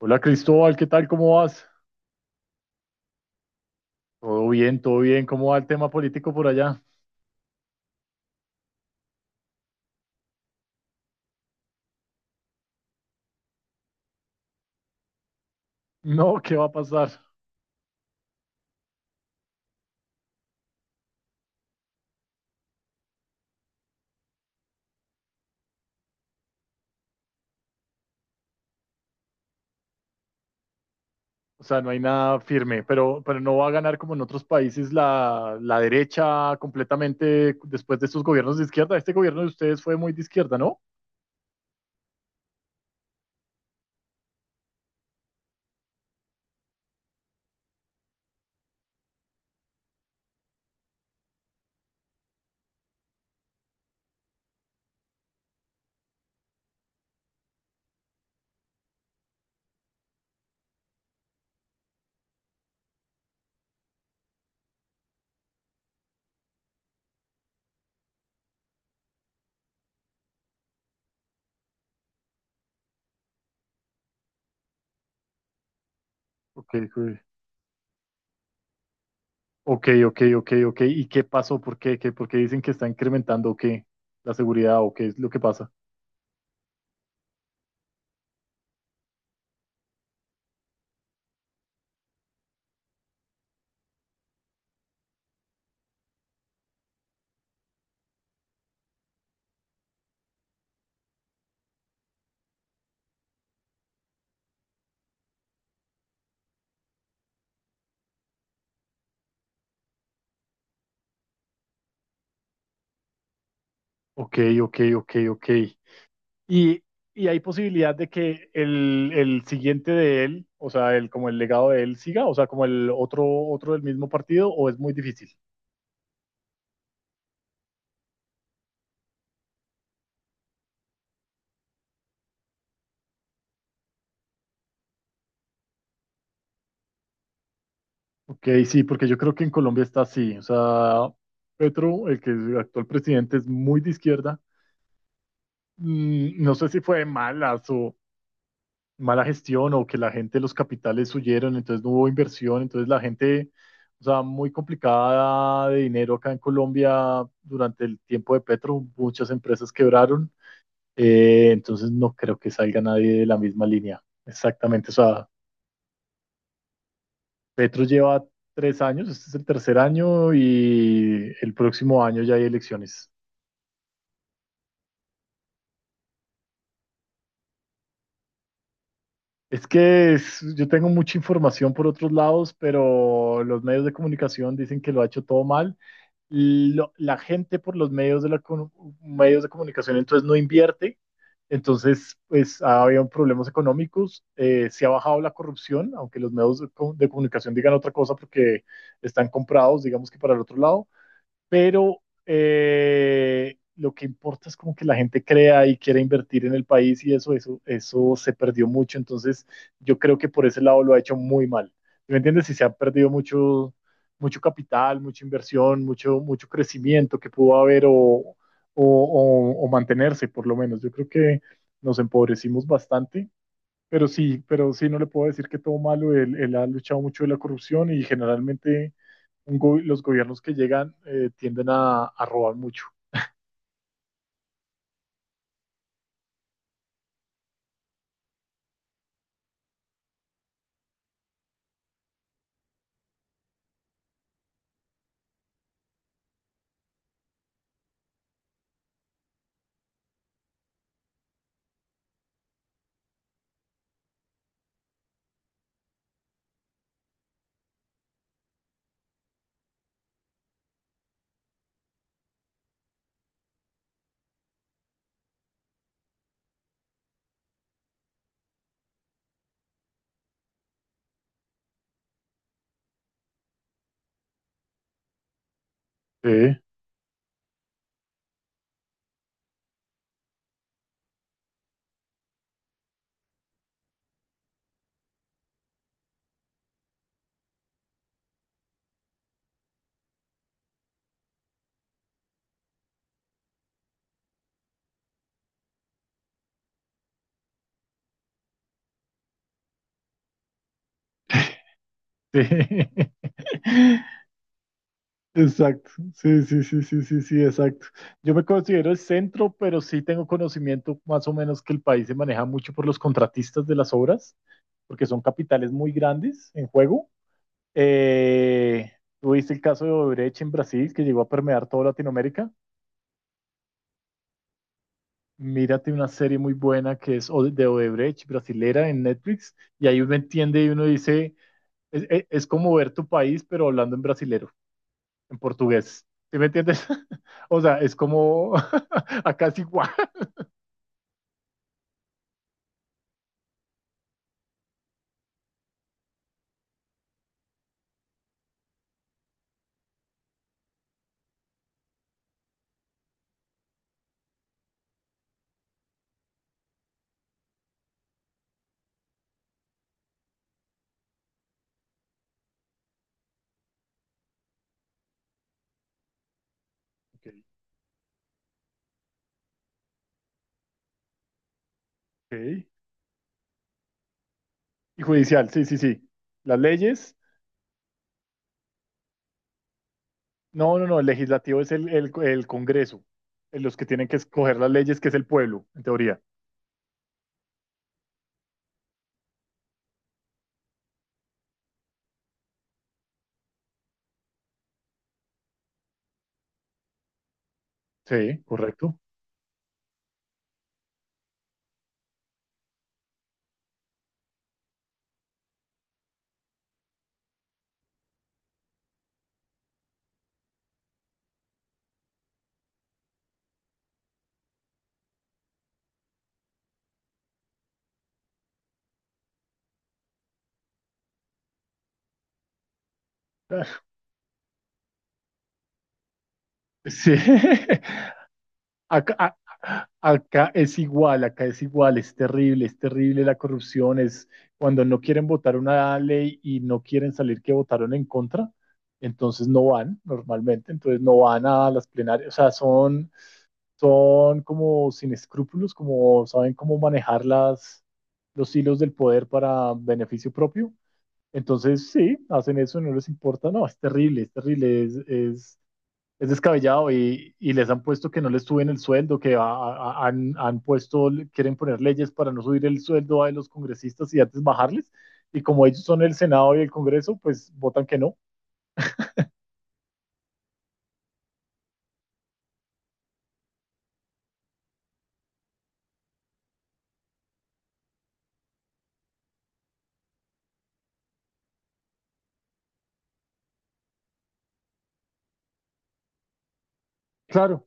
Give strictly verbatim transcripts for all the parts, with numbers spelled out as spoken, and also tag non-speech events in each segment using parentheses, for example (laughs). Hola Cristóbal, ¿qué tal? ¿Cómo vas? Todo bien, todo bien. ¿Cómo va el tema político por allá? (laughs) No, ¿qué va a pasar? O sea, no hay nada firme, pero, pero no va a ganar como en otros países la, la derecha completamente después de estos gobiernos de izquierda. Este gobierno de ustedes fue muy de izquierda, ¿no? Ok, ok, ok, ok, ok. Ok. ¿Y qué pasó? ¿Por qué? ¿Qué? ¿Por qué dicen que está incrementando o qué? ¿La seguridad o qué es lo que pasa? Ok, ok, ok, ok. Y, y hay posibilidad de que el, el siguiente de él, o sea, el, como el legado de él siga, o sea, como el otro, otro del mismo partido, o es muy difícil. Ok, sí, porque yo creo que en Colombia está así. O sea, Petro, el que es el actual presidente, es muy de izquierda. Mm, No sé si fue mala su mala gestión o que la gente, los capitales huyeron, entonces no hubo inversión, entonces la gente, o sea, muy complicada de dinero acá en Colombia durante el tiempo de Petro, muchas empresas quebraron. Eh, entonces no creo que salga nadie de la misma línea. Exactamente. O sea, Petro lleva tres años, este es el tercer año y el próximo año ya hay elecciones. Es que es- yo tengo mucha información por otros lados, pero los medios de comunicación dicen que lo ha hecho todo mal. Lo- la gente por los medios de, la, comu- medios de comunicación entonces no invierte, entonces pues ha habido problemas económicos. Eh, se ha bajado la corrupción, aunque los medios de, co- de comunicación digan otra cosa porque están comprados, digamos que para el otro lado, pero eh, lo que importa es como que la gente crea y quiera invertir en el país, y eso, eso, eso se perdió mucho. Entonces, yo creo que por ese lado lo ha hecho muy mal. ¿Sí? ¿Me entiendes? Si se ha perdido mucho, mucho capital, mucha inversión, mucho, mucho crecimiento que pudo haber o, o, o- o mantenerse, por lo menos. Yo creo que nos empobrecimos bastante, pero sí, pero sí, no le puedo decir que todo malo. Él, él ha luchado mucho de la corrupción, y generalmente un go- los gobiernos que llegan eh, tienden a, a robar mucho. Sí, sí. (laughs) Exacto. Sí, sí, sí, sí, sí, sí, exacto. Yo me considero el centro, pero sí tengo conocimiento más o menos que el país se maneja mucho por los contratistas de las obras, porque son capitales muy grandes en juego. Eh, tuviste el caso de Odebrecht en Brasil, que llegó a permear toda Latinoamérica. Mírate una serie muy buena que es Ode- de Odebrecht, brasilera, en Netflix, y ahí uno entiende y uno dice, es, es- es como ver tu país, pero hablando en brasilero, en portugués. ¿Sí me entiendes? (laughs) O sea, es como, (laughs) acá es igual. Ok, ok. Y judicial, sí, sí, sí. Las leyes, no, no, no, el legislativo es el, el, el Congreso, en los que tienen que escoger las leyes, que es el pueblo, en teoría. Sí, correcto. (laughs) Sí, (laughs) Acá, a- acá es igual, acá es igual, es terrible, es terrible la corrupción, es cuando no quieren votar una ley y no quieren salir que votaron en contra, entonces no van normalmente, entonces no van a las plenarias, o sea, son, son como sin escrúpulos, como saben cómo manejar las, los hilos del poder para beneficio propio, entonces sí, hacen eso, no les importa, no, es terrible, es terrible, es, es es descabellado, y, y, les han puesto que no les suben el sueldo, que a, a, han, han, puesto, quieren poner leyes para no subir el sueldo a los congresistas y antes bajarles. Y como ellos son el Senado y el Congreso, pues votan que no. Claro,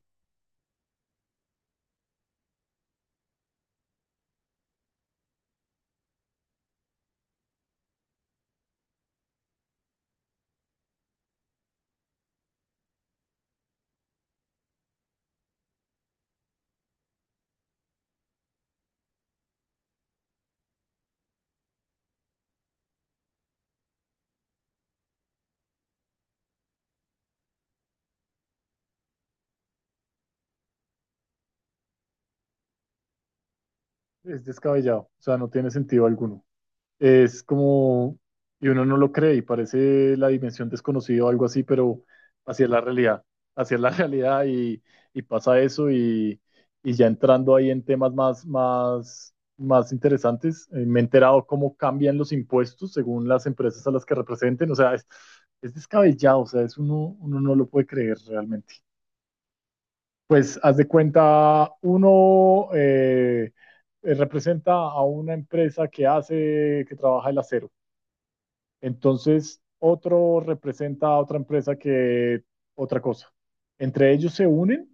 es descabellado, o sea, no tiene sentido alguno. Es como, y uno no lo cree y parece la dimensión desconocida o algo así, pero así es la realidad, así es la (laughs) realidad, y, y, pasa eso, y, y ya entrando ahí en temas más, más, más interesantes, eh, me he enterado cómo cambian los impuestos según las empresas a las que representen, o sea, es, es descabellado, o sea, es uno, uno no lo puede creer realmente. Pues haz de cuenta, uno eh, eh, representa a una empresa que hace, que trabaja el acero. Entonces, otro representa a otra empresa que otra cosa. Entre ellos se unen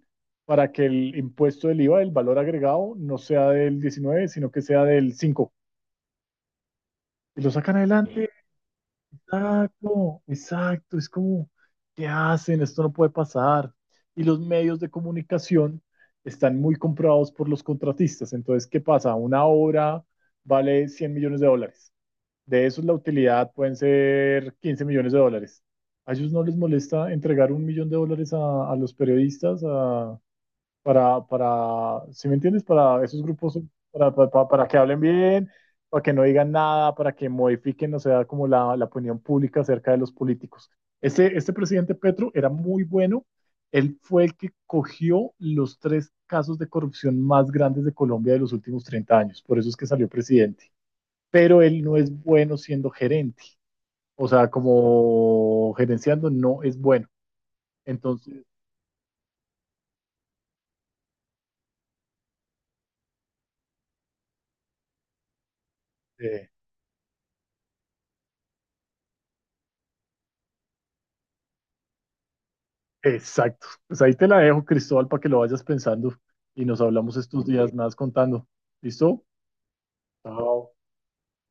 para que el impuesto del IVA, el valor agregado, no sea del diecinueve, sino que sea del cinco. Y lo sacan adelante. Exacto, exacto. Es como, ¿qué hacen? Esto no puede pasar. Y los medios de comunicación están muy comprados por los contratistas. Entonces, ¿qué pasa? Una obra vale cien millones de dólares. De esos, la utilidad pueden ser quince millones de dólares. ¿A ellos no les molesta entregar un millón de dólares a, a los periodistas a- para, para, ¿sí me entiendes? Para esos grupos, para, para, para- para que hablen bien, para que no digan nada, para que modifiquen, o sea, como la, la opinión pública acerca de los políticos. Este, este presidente Petro era muy bueno. Él fue el que cogió los tres casos de corrupción más grandes de Colombia de los últimos treinta años. Por eso es que salió presidente, pero él no es bueno siendo gerente. O sea, como gerenciando no es bueno. Entonces, eh, exacto. Pues ahí te la dejo, Cristóbal, para que lo vayas pensando y nos hablamos estos días más contando. ¿Listo? Chao.